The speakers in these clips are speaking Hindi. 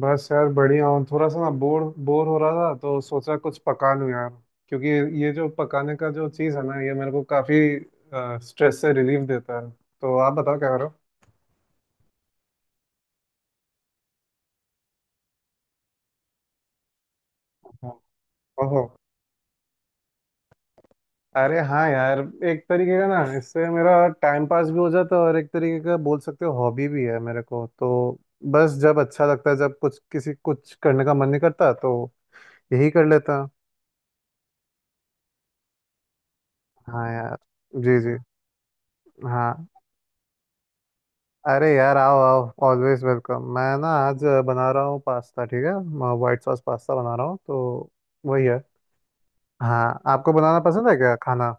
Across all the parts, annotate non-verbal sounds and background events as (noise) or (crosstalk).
बस यार बढ़िया हूँ। थोड़ा सा ना बोर बोर हो रहा था तो सोचा कुछ पका लूँ यार, क्योंकि ये जो पकाने का जो चीज़ है ना ये मेरे को काफ़ी स्ट्रेस से रिलीफ देता है। तो आप बताओ क्या करो। हाँ। ओहो, अरे हाँ यार, एक तरीके का ना इससे मेरा टाइम पास भी हो जाता है और एक तरीके का बोल सकते हो हॉबी भी है मेरे को। तो बस जब अच्छा लगता है, जब कुछ किसी कुछ करने का मन नहीं करता तो यही कर लेता। हाँ यार। जी जी। हाँ, अरे यार आओ आओ, ऑलवेज वेलकम। मैं ना आज बना रहा हूँ पास्ता, ठीक है, व्हाइट सॉस पास्ता बना रहा हूँ तो वही है। हाँ, आपको बनाना पसंद है क्या, खाना?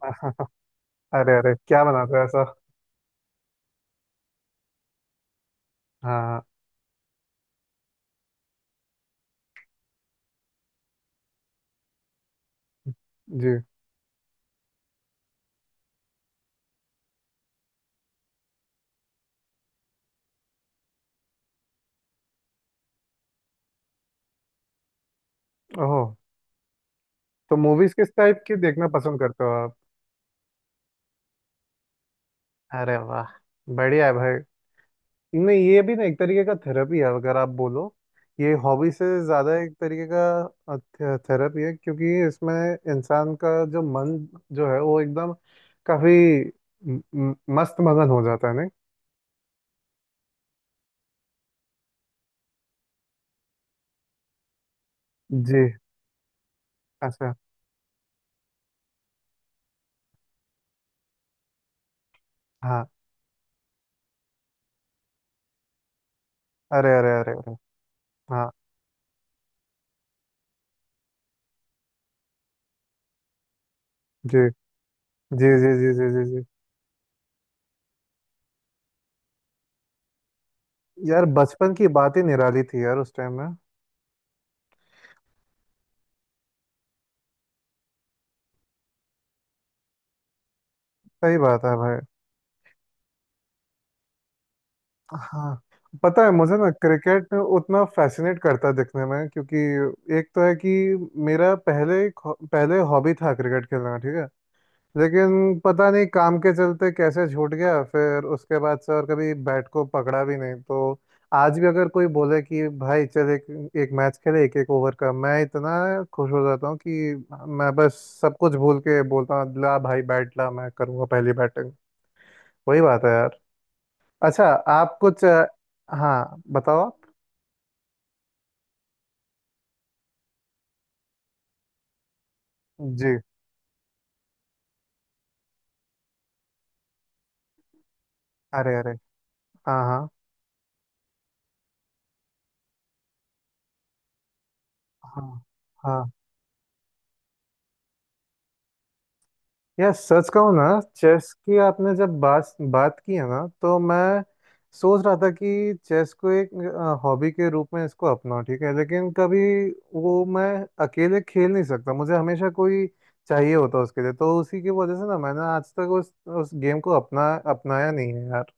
(laughs) अरे अरे, क्या बनाते हो ऐसा? हाँ। जी। ओह, तो मूवीज किस टाइप की देखना पसंद करते हो आप? अरे वाह, बढ़िया है भाई। नहीं, ये भी ना एक तरीके का थेरेपी है अगर आप बोलो। ये हॉबी से ज़्यादा एक तरीके का थेरेपी है, क्योंकि इसमें इंसान का जो मन जो है वो एकदम काफी मस्त मगन हो जाता है नहीं। जी। अच्छा। हाँ। अरे अरे अरे अरे। हाँ। जी जी जी जी जी जी जी। यार बचपन की बात ही निराली थी यार, उस टाइम में। सही बात है भाई। हाँ, पता है मुझे ना क्रिकेट उतना फैसिनेट करता है दिखने में, क्योंकि एक तो है कि मेरा पहले पहले हॉबी था क्रिकेट खेलना, ठीक है, लेकिन पता नहीं काम के चलते कैसे छूट गया। फिर उसके बाद से और कभी बैट को पकड़ा भी नहीं, तो आज भी अगर कोई बोले कि भाई चल एक एक मैच खेले, एक एक ओवर का, मैं इतना खुश हो जाता हूँ कि मैं बस सब कुछ भूल के बोलता हूँ, ला भाई बैट ला, मैं करूँगा पहली बैटिंग। वही बात है यार। अच्छा, आप कुछ हाँ बताओ आप। जी। अरे अरे। हाँ हाँ। हाँ हाँ। यार सच कहूँ ना, चेस की आपने जब बात बात की है ना, तो मैं सोच रहा था कि चेस को एक हॉबी के रूप में इसको अपनाऊं, ठीक है, लेकिन कभी वो मैं अकेले खेल नहीं सकता, मुझे हमेशा कोई चाहिए होता उसके लिए। तो उसी की वजह से ना मैंने आज तक उस गेम को अपनाया नहीं है यार।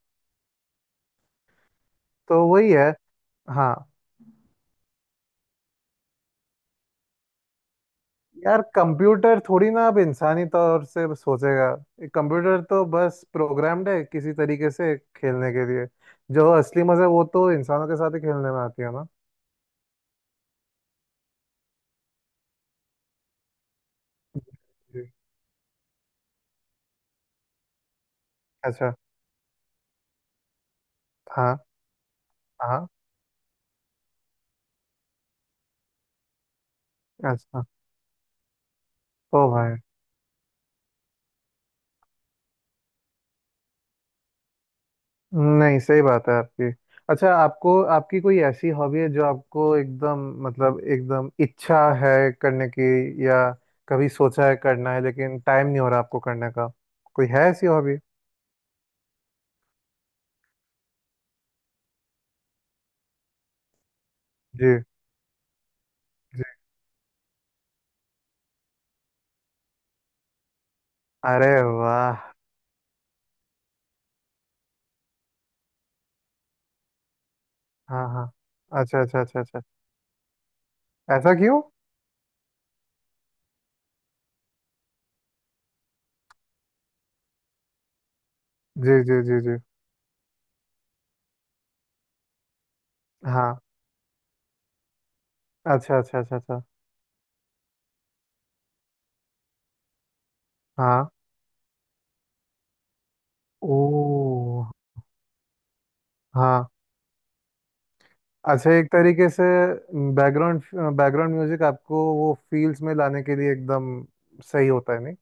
तो वही है। हाँ, यार कंप्यूटर थोड़ी ना अब इंसानी तौर से सोचेगा। एक कंप्यूटर तो बस प्रोग्राम्ड है किसी तरीके से खेलने के लिए। जो असली मजा वो तो इंसानों के साथ ही खेलने में आती है ना। जी। अच्छा। हाँ हाँ। अच्छा। ओ भाई, नहीं सही बात है आपकी। अच्छा, आपको आपकी कोई ऐसी हॉबी है जो आपको एकदम, मतलब एकदम इच्छा है करने की, या कभी सोचा है करना है लेकिन टाइम नहीं हो रहा आपको करने का, कोई है ऐसी हॉबी? जी। जी। अरे वाह। हाँ। हाँ। अच्छा अच्छा अच्छा अच्छा। ऐसा क्यों? जी जी जी जी। हाँ। अच्छा अच्छा अच्छा अच्छा। हाँ। ओ। हाँ। अच्छा, एक तरीके से बैकग्राउंड, बैकग्राउंड म्यूजिक आपको वो फील्स में लाने के लिए एकदम सही होता है नहीं?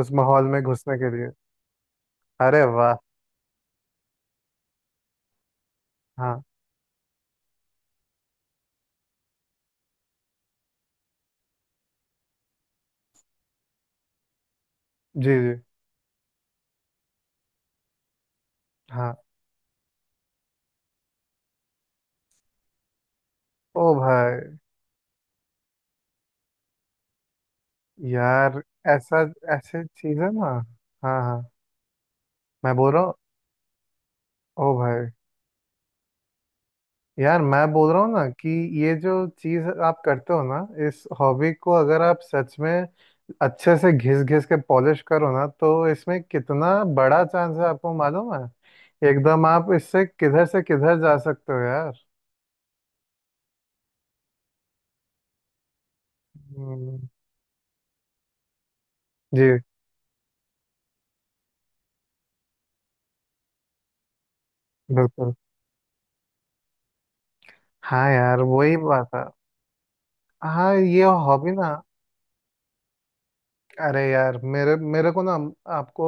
उस माहौल में घुसने के लिए। अरे वाह। हाँ। जी जी। हाँ। ओ भाई। यार ऐसा, ऐसे चीज है ना। हाँ हाँ। मैं बोल रहा हूँ। ओ भाई, यार मैं बोल रहा हूँ ना कि ये जो चीज आप करते हो ना, इस हॉबी को अगर आप सच में अच्छे से घिस घिस के पॉलिश करो ना, तो इसमें कितना बड़ा चांस है आपको मालूम है। एकदम आप इससे किधर से किधर जा सकते हो यार। हम्म, जी। बिल्कुल। हाँ यार वही बात है। हाँ ये हॉबी ना। अरे यार, मेरे मेरे को ना आपको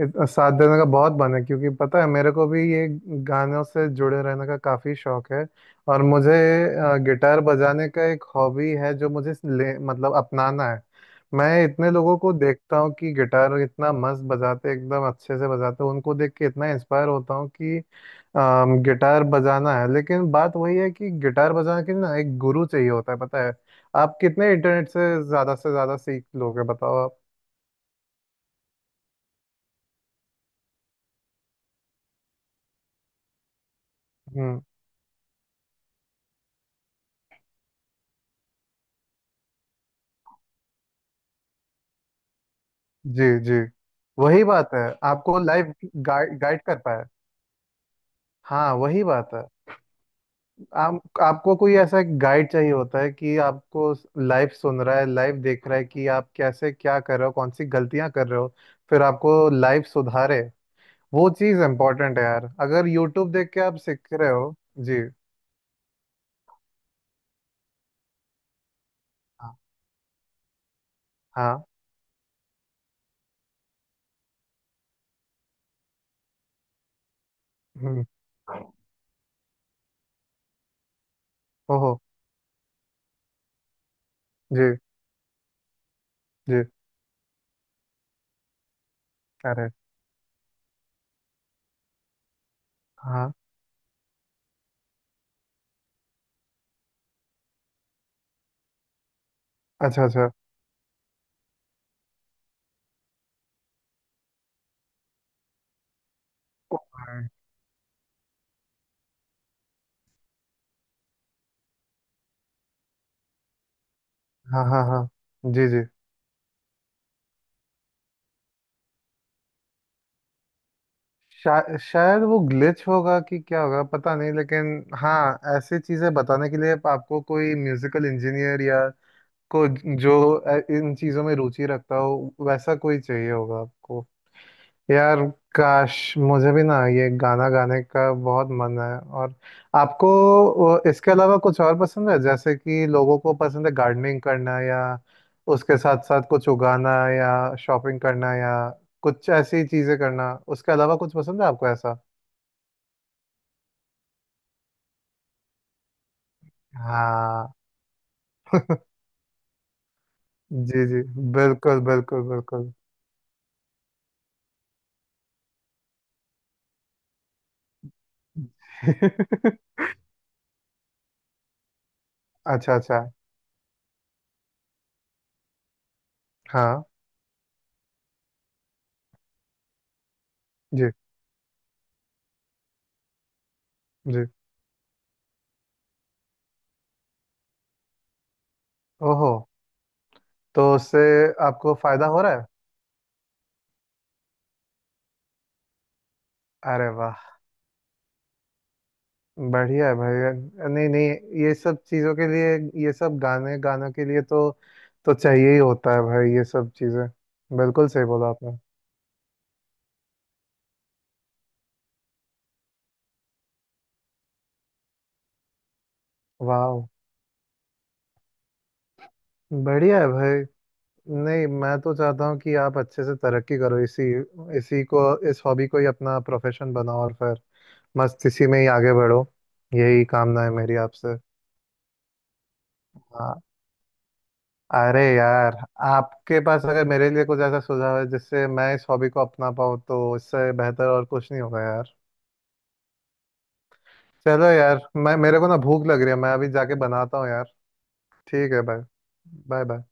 साथ देने का बहुत मन है, क्योंकि पता है मेरे को भी ये गानों से जुड़े रहने का काफ़ी शौक है। और मुझे गिटार बजाने का एक हॉबी है जो मुझे ले मतलब अपनाना है। मैं इतने लोगों को देखता हूँ कि गिटार इतना मस्त बजाते, एकदम अच्छे से बजाते हैं, उनको देख के इतना इंस्पायर होता हूँ कि गिटार बजाना है, लेकिन बात वही है कि गिटार बजाने के लिए ना एक गुरु चाहिए होता है, पता है? आप कितने इंटरनेट से ज्यादा सीख लोगे, बताओ आप। हम्म। जी जी। वही बात है। आपको लाइव गाइड गाइड कर पाए। हाँ वही बात है। आप आपको कोई ऐसा गाइड चाहिए होता है कि आपको लाइव सुन रहा है, लाइव देख रहा है कि आप कैसे क्या कर रहे हो, कौन सी गलतियां कर रहे हो, फिर आपको लाइव सुधारे। वो चीज़ इम्पोर्टेंट है यार, अगर यूट्यूब देख के आप सीख रहे हो। जी। हाँ हाँ। हम्म। ओहो। जी जी। अरे। हाँ। अच्छा अच्छा। हाँ हाँ हाँ। जी जी। शायद वो ग्लिच होगा, कि क्या होगा पता नहीं, लेकिन हाँ ऐसी चीज़ें बताने के लिए आपको कोई म्यूजिकल इंजीनियर या को जो इन चीज़ों में रुचि रखता हो, वैसा कोई चाहिए होगा आपको। यार काश मुझे भी ना ये गाना गाने का बहुत मन है। और आपको इसके अलावा कुछ और पसंद है जैसे कि लोगों को पसंद है गार्डनिंग करना या उसके साथ साथ कुछ उगाना या शॉपिंग करना या कुछ ऐसी चीजें करना, उसके अलावा कुछ पसंद है आपको ऐसा? हाँ। (laughs) जी जी। बिल्कुल बिल्कुल बिल्कुल। (laughs) अच्छा अच्छा। हाँ। जी जी। ओहो। तो उससे आपको फायदा हो रहा है? अरे वाह, बढ़िया है भाई। नहीं नहीं, ये सब चीज़ों के लिए, ये सब गाने गानों के लिए तो, चाहिए ही होता है भाई ये सब चीज़ें। बिल्कुल सही बोला आपने। वाह, बढ़िया है भाई। नहीं मैं तो चाहता हूँ कि आप अच्छे से तरक्की करो इसी इसी को इस हॉबी को ही अपना प्रोफेशन बनाओ, और फिर मस्त इसी में ही आगे बढ़ो। यही कामना है मेरी आपसे। हाँ, अरे यार आपके पास अगर मेरे लिए कुछ ऐसा सुझाव है जिससे मैं इस हॉबी को अपना पाऊँ, तो इससे बेहतर और कुछ नहीं होगा यार। चलो यार, मैं मेरे को ना भूख लग रही है, मैं अभी जाके बनाता हूँ यार। ठीक है भाई। Bye bye.